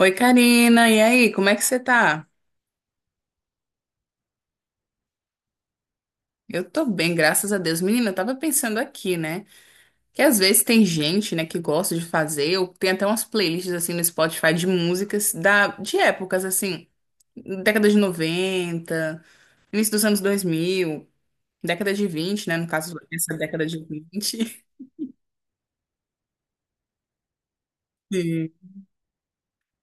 Oi, Karina, e aí, como é que você tá? Eu tô bem, graças a Deus. Menina, eu tava pensando aqui, né? Que às vezes tem gente, né, que gosta de fazer, ou tem até umas playlists assim no Spotify de músicas de épocas assim, década de 90, início dos anos 2000, década de 20, né, no caso, essa década de 20.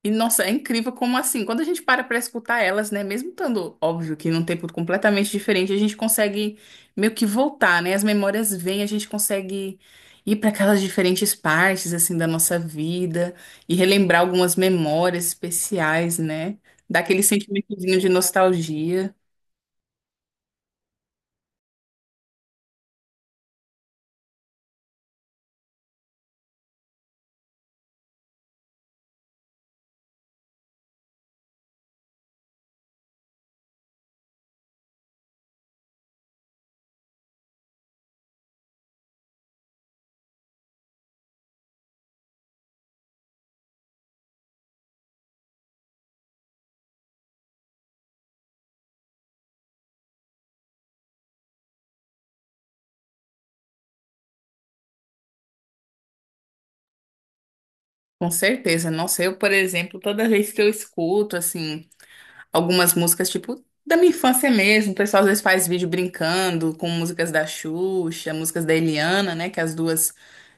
E, nossa, é incrível como assim, quando a gente para pra escutar elas, né, mesmo estando óbvio que num tempo completamente diferente, a gente consegue meio que voltar, né? As memórias vêm, a gente consegue ir para aquelas diferentes partes assim da nossa vida e relembrar algumas memórias especiais, né? Dá aquele sentimentozinho de nostalgia. Com certeza. Nossa, eu, por exemplo, toda vez que eu escuto assim algumas músicas, tipo, da minha infância mesmo. O pessoal às vezes faz vídeo brincando com músicas da Xuxa, músicas da Eliana, né? Que as duas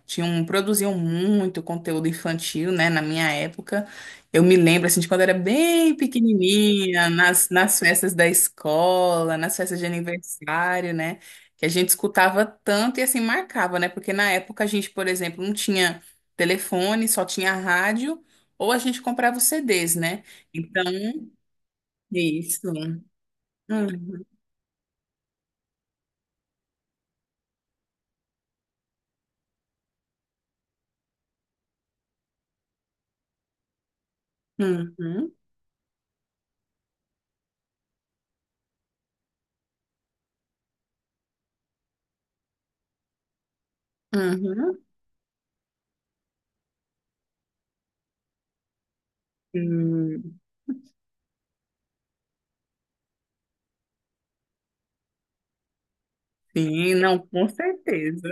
tinham, produziam muito conteúdo infantil, né? Na minha época. Eu me lembro, assim, de quando eu era bem pequenininha, nas festas da escola, nas festas de aniversário, né? Que a gente escutava tanto e, assim, marcava, né? Porque na época a gente, por exemplo, não tinha telefone, só tinha rádio, ou a gente comprava os CDs, né? Então, isso. Uhum, uhum, uhum. Hum, sim, não, com certeza.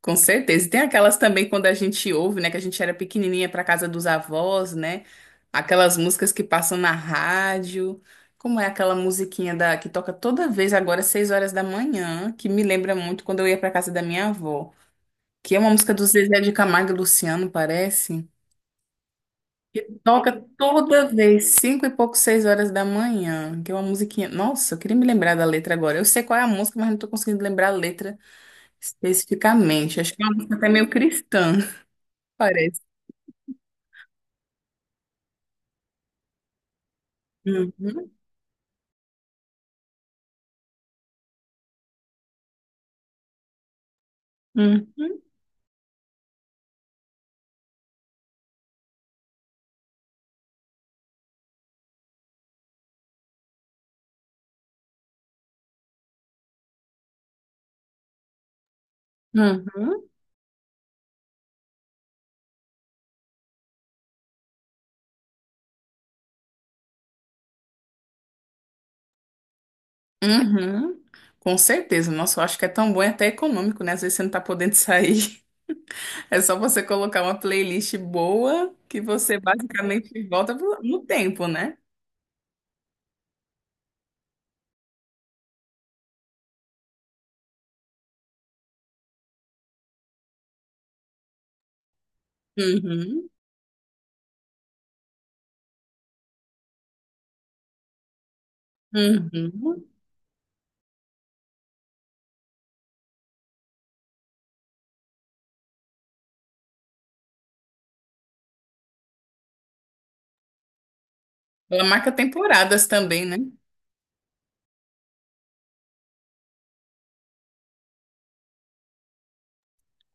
Com certeza. E tem aquelas também quando a gente ouve, né, que a gente era pequenininha para casa dos avós, né? Aquelas músicas que passam na rádio. Como é aquela musiquinha da que toca toda vez agora às 6 horas da manhã, que me lembra muito quando eu ia para casa da minha avó, que é uma música do Zezé de Camargo e Luciano, parece. Toca toda vez, 5 e pouco, 6 horas da manhã, que é uma musiquinha. Nossa, eu queria me lembrar da letra agora. Eu sei qual é a música, mas não tô conseguindo lembrar a letra especificamente. Acho que é uma música até meio cristã, parece. Uhum, uhum, uhum, uhum. Com certeza. Nossa, eu acho que é tão bom e até econômico, né? Às vezes você não tá podendo sair. É só você colocar uma playlist boa que você basicamente volta no tempo, né? Uhum, uhum. Ela marca temporadas também, né?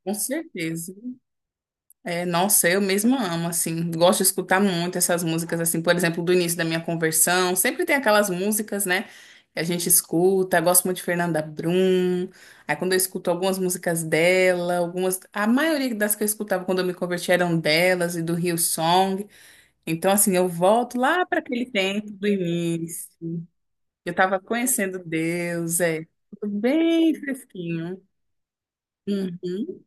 Com certeza. É, nossa, eu mesma amo, assim. Gosto de escutar muito essas músicas, assim, por exemplo, do início da minha conversão. Sempre tem aquelas músicas, né, que a gente escuta. Gosto muito de Fernanda Brum. Aí quando eu escuto algumas músicas dela, algumas. A maioria das que eu escutava quando eu me converti eram delas e do Rio Song. Então, assim, eu volto lá para aquele tempo do início. Eu tava conhecendo Deus, é. Tudo bem fresquinho. Uhum,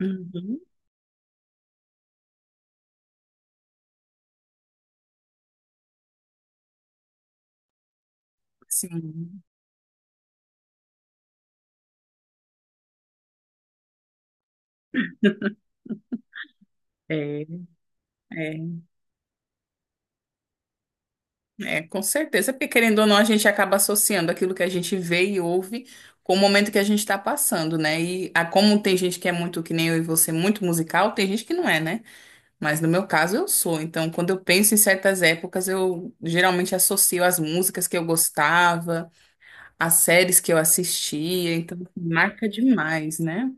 uhum, sim. É, é. É, com certeza, porque querendo ou não, a gente acaba associando aquilo que a gente vê e ouve com o momento que a gente está passando, né? E, como tem gente que é muito, que nem eu e você, muito musical, tem gente que não é, né? Mas no meu caso eu sou. Então, quando eu penso em certas épocas, eu geralmente associo as músicas que eu gostava, as séries que eu assistia. Então, assim, marca demais, né?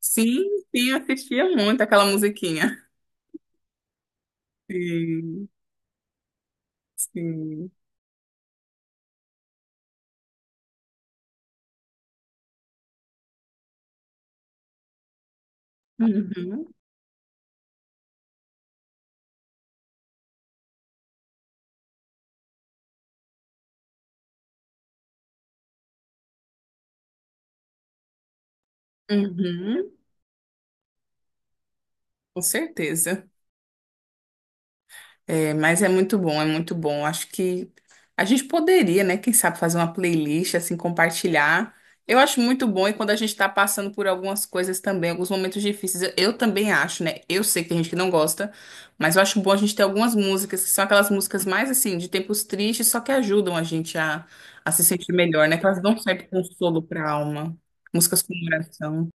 Sim, sim, eu assistia muito aquela musiquinha. Sim, sim. Uhum, uhum, com certeza. É, mas é muito bom, é muito bom. Acho que a gente poderia, né? Quem sabe fazer uma playlist, assim, compartilhar. Eu acho muito bom e quando a gente está passando por algumas coisas também, alguns momentos difíceis, eu também acho, né? Eu sei que tem gente que não gosta, mas eu acho bom a gente ter algumas músicas que são aquelas músicas mais, assim, de tempos tristes, só que ajudam a gente a se sentir melhor, né? Que elas dão certo consolo para a alma. Músicas com oração.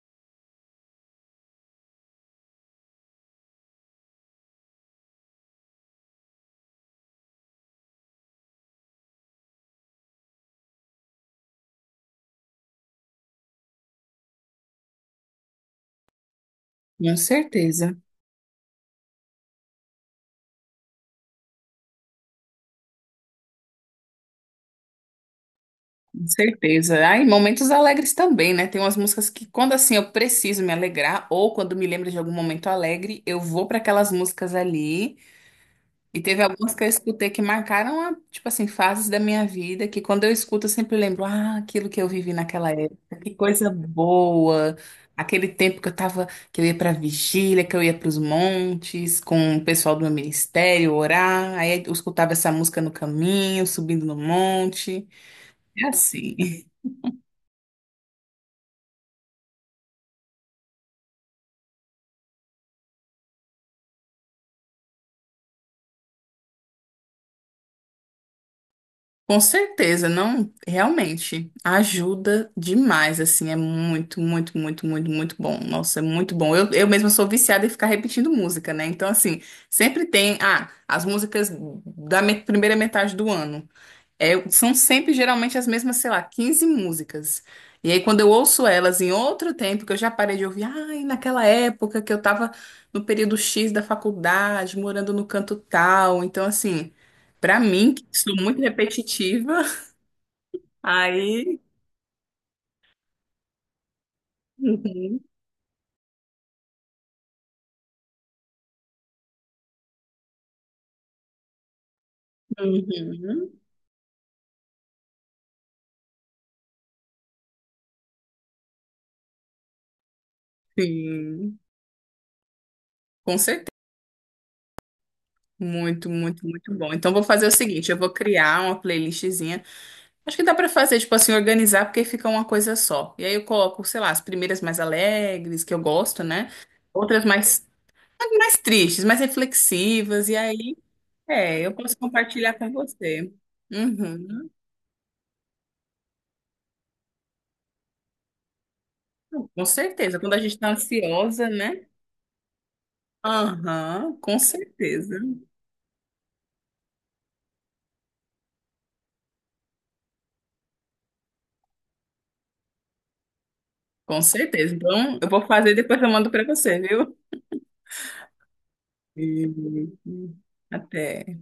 Com certeza. Com certeza. Ah, e momentos alegres também, né? Tem umas músicas que, quando assim eu preciso me alegrar, ou quando me lembro de algum momento alegre, eu vou para aquelas músicas ali. E teve algumas que eu escutei que marcaram, tipo assim, fases da minha vida, que quando eu escuto eu sempre lembro, ah, aquilo que eu vivi naquela época, que coisa boa. Aquele tempo que eu tava, que eu ia pra vigília, que eu ia pros montes com o pessoal do meu ministério orar, aí eu escutava essa música no caminho, subindo no monte. É assim. Com certeza, não, realmente ajuda demais, assim, é muito, muito, muito, muito, muito bom. Nossa, é muito bom. Eu mesma sou viciada em ficar repetindo música, né? Então, assim, sempre tem, as músicas da primeira metade do ano. É, são sempre geralmente as mesmas, sei lá, 15 músicas. E aí, quando eu ouço elas em outro tempo, que eu já parei de ouvir, ai, naquela época que eu tava no período X da faculdade, morando no canto tal. Então, assim, pra mim, que sou muito repetitiva, aí. Uhum, uhum, sim, com certeza. Muito, muito, muito bom. Então, vou fazer o seguinte: eu vou criar uma playlistzinha. Acho que dá pra fazer, tipo assim, organizar, porque fica uma coisa só. E aí eu coloco, sei lá, as primeiras mais alegres, que eu gosto, né? Outras mais, tristes, mais reflexivas. E aí, eu posso compartilhar com você. Uhum. Com certeza. Quando a gente tá ansiosa, né? Aham, com certeza. Com certeza. Então, eu vou fazer e depois eu mando pra você, viu? E- Até.